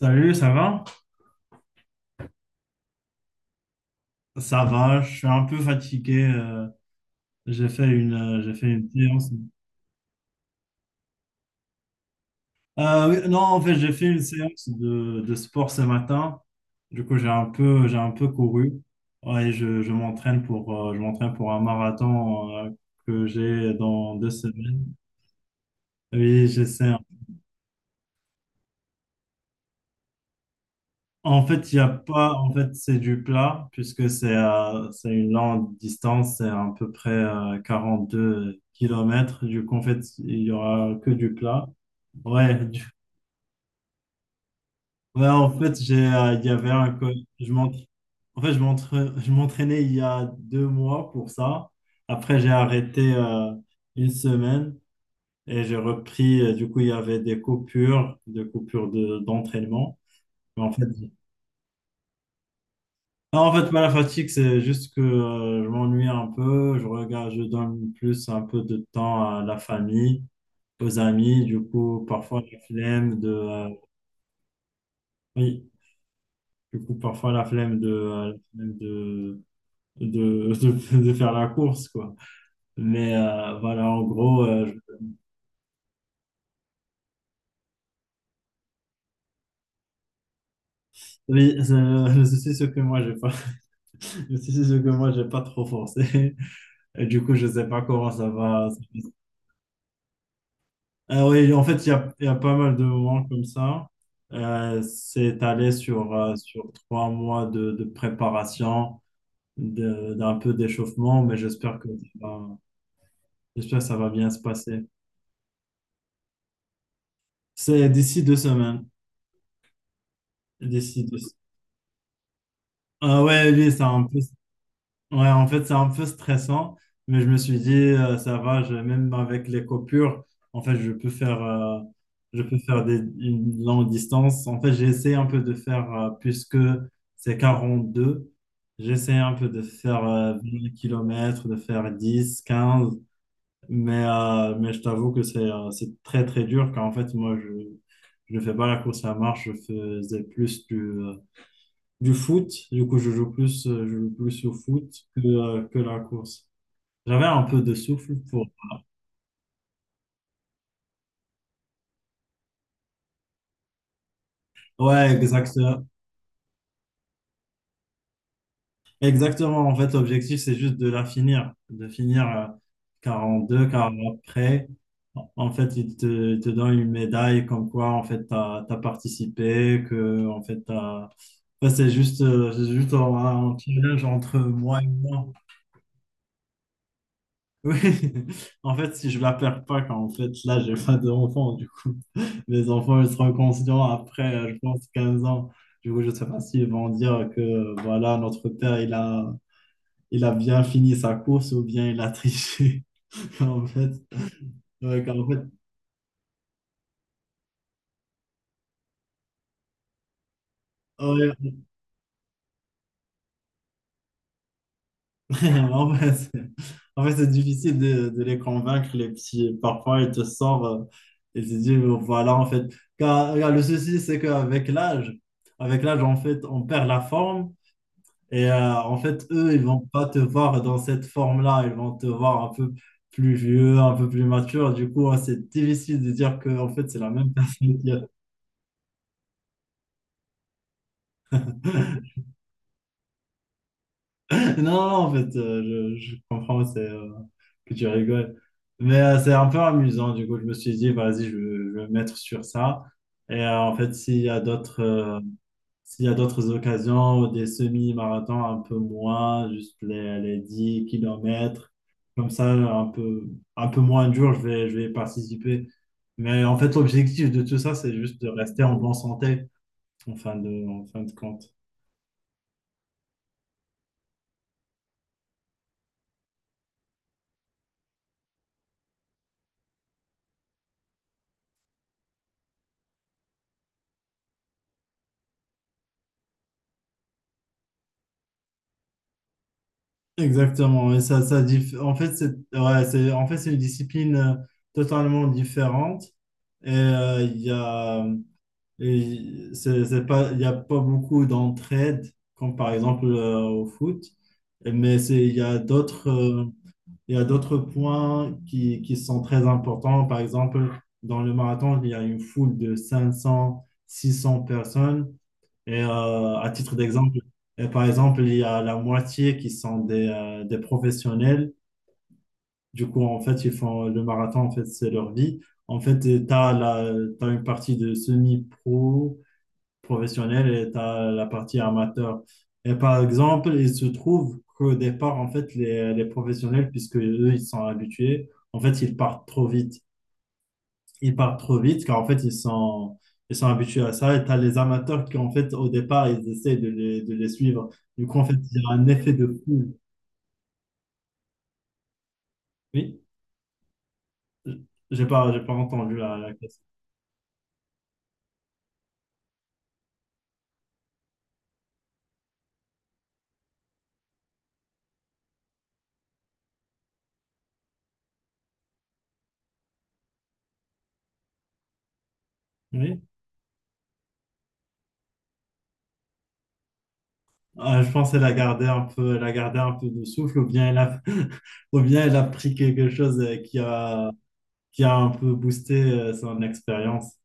Salut, ça va? Ça va, je suis un peu fatigué. J'ai fait j'ai fait une séance. Oui, non, en fait, j'ai fait une séance de sport ce matin. Du coup, j'ai un peu couru. Ouais, je m'entraîne pour un marathon, que j'ai dans 2 semaines. Oui, j'essaie. En fait, il y a pas. En fait, c'est du plat, puisque c'est une longue distance, c'est à peu près 42 kilomètres. Du coup, en fait, il y aura que du plat. Ouais. En fait, il y avait un je m'entra- en fait, je m'entra- je m'entraînais il y a 2 mois pour ça. Après, j'ai arrêté une semaine et j'ai repris. Du coup, il y avait des coupures d'entraînement. Mais en fait. Non, en fait, pas la fatigue, c'est juste que je m'ennuie un peu. Je regarde, je donne plus un peu de temps à la famille, aux amis. Du coup, parfois la flemme de, Oui, du coup, parfois la flemme de, la flemme de faire la course, quoi. Mais voilà, en gros, oui, c'est le souci, c'est que moi, j'ai pas, le souci, c'est que moi, j'ai pas trop forcé. Et du coup, je sais pas comment ça va. Ah oui, en fait, il y a pas mal de moments comme ça. C'est allé sur 3 mois de préparation, d'un peu d'échauffement, mais j'espère que ça va bien se passer. C'est d'ici 2 semaines. D'ici deux. Ah ouais, lui, c'est un peu. Ouais, en fait, c'est un peu stressant, mais je me suis dit, ça va, même avec les coupures, en fait, je peux faire une longue distance. En fait, j'ai essayé un peu de faire, puisque c'est 42, j'ai essayé un peu de faire 20 km, de faire 10 quinze, mais je t'avoue que c'est très, très dur, car en fait, moi, je ne fais pas la course à marche, je faisais plus du foot. Du coup, je joue plus au foot que la course. J'avais un peu de souffle pour. Ouais, exactement. Exactement. En fait, l'objectif, c'est juste de la finir. De finir deux, car après, en fait, il te donne une médaille comme quoi, en fait, t'as participé, que, en fait, t'as. Enfin, c'est juste un challenge entre moi et moi. Oui, en fait, si je la perds pas, quand en fait, là, j'ai pas d'enfants, du coup. Mes enfants, ils seront conscients après, je pense, 15 ans. Du coup, je sais pas s'ils vont dire que, voilà, notre père, il a bien fini sa course ou bien il a triché. En fait, ouais, ouais, en fait, c'est difficile de les convaincre, les petits. Parfois, ils te sortent, et ils te disent, oh, voilà, en fait. Car, le souci, c'est qu'avec l'âge, avec l'âge, en fait, on perd la forme. Et en fait, eux, ils vont pas te voir dans cette forme-là. Ils vont te voir un peu plus vieux, un peu plus mature. Du coup, hein, c'est difficile de dire que en fait, c'est la même personne a- Non, non, en fait, je comprends, que tu rigoles. Mais c'est un peu amusant. Du coup, je me suis dit, vas-y, je vais me mettre sur ça. Et en fait, s'il y a d'autres occasions, des semi-marathons un peu moins, juste les 10 km, comme ça, un peu moins dur, je vais participer. Mais en fait, l'objectif de tout ça, c'est juste de rester en bonne santé, en fin de compte. Exactement, et ça, c'est ouais, c'est c'est une discipline totalement différente, et il y a et c'est pas, il y a pas beaucoup d'entraide, comme par exemple au foot. Mais c'est il y a d'autres il y a d'autres points qui sont très importants. Par exemple, dans le marathon, il y a une foule de 500, 600 personnes, et à titre d'exemple, et par exemple, il y a la moitié qui sont des professionnels. Du coup, en fait, ils font le marathon, en fait, c'est leur vie. En fait, t'as une partie de semi-pro, professionnel, et tu as la partie amateur. Et par exemple, il se trouve qu'au départ, en fait, les professionnels, puisque eux, ils sont habitués, en fait, ils partent trop vite, car en fait, ils sont habitués à ça, et tu as les amateurs qui, en fait, au départ, ils essaient de les suivre. Du coup, en fait, il y a un effet de foule. Oui. J'ai pas entendu la question. Oui. Ah, je pense qu'elle a gardé un peu de souffle, ou bien elle a ou bien elle a pris quelque chose qui a un peu boosté son expérience.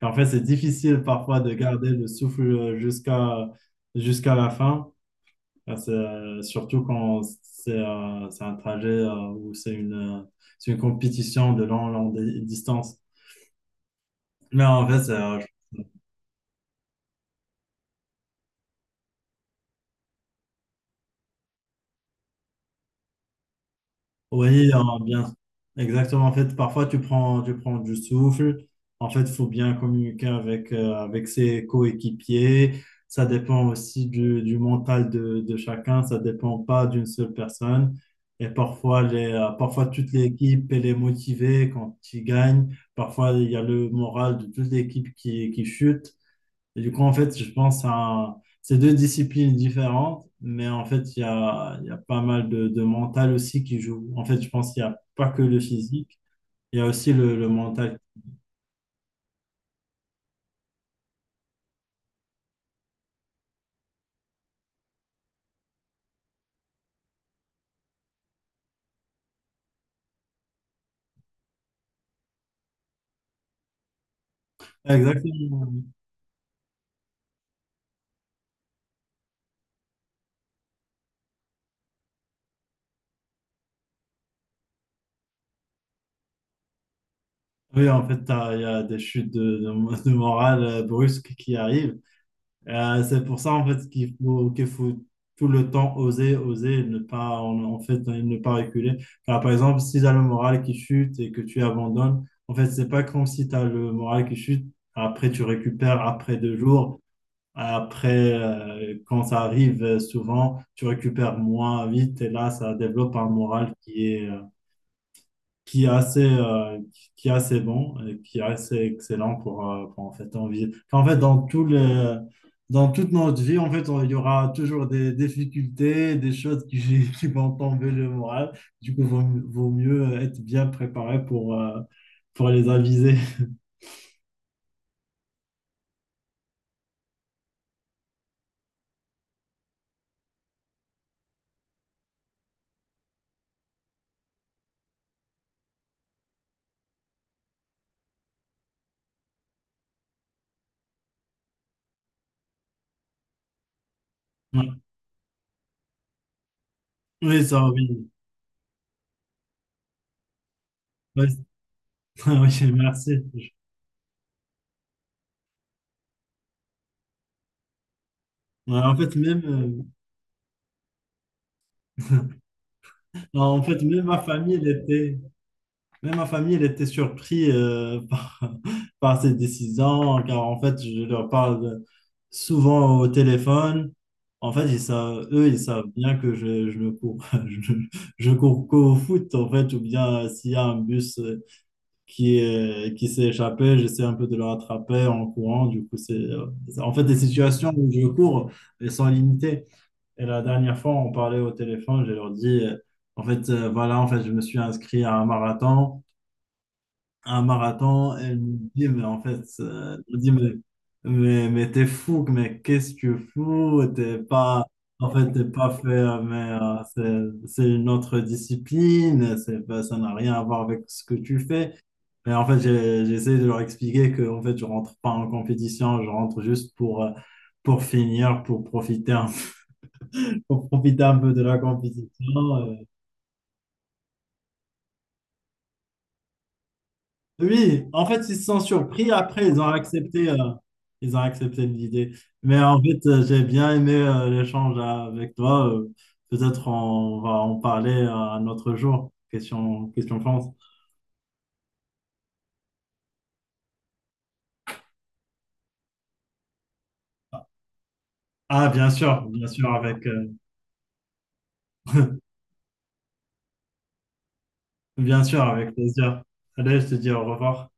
En fait, c'est difficile parfois de garder le souffle jusqu'à la fin. Ah, surtout quand c'est un trajet où c'est une compétition de longue, longue distance. Mais en fait, c'est. Oui, hein, bien. Exactement. En fait, parfois, tu prends du souffle. En fait, il faut bien communiquer avec ses coéquipiers. Ça dépend aussi du mental de chacun. Ça dépend pas d'une seule personne. Et parfois, toute l'équipe, elle est motivée quand ils gagnent. Parfois, il y a le moral de toute l'équipe qui chute. Et du coup, en fait, je pense à ces deux disciplines différentes, mais en fait, il y a pas mal de mental aussi qui joue. En fait, je pense qu'il n'y a pas que le physique, il y a aussi le mental. Ah, exactement. Oui, en fait, il y a des chutes de morale brusques qui arrivent. C'est pour ça, en fait, qu'il faut tout le temps oser, oser, et ne pas, en, en fait, ne pas reculer. Car, par exemple, si tu as le moral qui chute et que tu abandonnes, en fait, c'est pas comme si tu as le moral qui chute, après tu récupères après 2 jours, après, quand ça arrive souvent, tu récupères moins vite, et là, ça développe un moral qui est assez, euh, qui est assez bon et qui est assez excellent pour, en fait, envie. En fait, dans dans toute notre vie, en fait, il y aura toujours des difficultés, des choses qui vont tomber le moral. Du coup, vaut mieux être bien préparé pour les aviser. Ouais. Oui, ça, oui. Ouais, oui, merci. Ouais, en fait, non, en fait, même ma famille, elle était. Même ma famille, elle était surprise par cette décision, car en fait, je leur parle souvent au téléphone. En fait, eux, ils savent bien que je ne cours, je cours qu'au foot, en fait, ou bien s'il y a un bus qui s'est échappé, j'essaie un peu de le rattraper en courant. Du coup, en fait, les situations où je cours, elles sont limitées. Et la dernière fois, on parlait au téléphone, je leur dis, en fait, voilà, en fait, je me suis inscrit à un marathon, un marathon, elle me dit, mais en fait, elle me dit, mais t'es fou, mais qu'est-ce que tu fous? T'es pas, en fait, t'es pas fait, c'est une autre discipline, c'est pas, ça n'a rien à voir avec ce que tu fais. Mais en fait, j'essaie de leur expliquer que, en fait, je rentre pas en compétition, je rentre juste pour, finir, pour profiter un peu de la compétition. Oui, en fait, ils se sont surpris. Après, ils ont accepté l'idée. Mais en fait, j'ai bien aimé l'échange avec toi. Peut-être on va en parler un autre jour. Question, question France. Ah, bien sûr, bien sûr, bien sûr, avec plaisir. Allez, je te dis au revoir.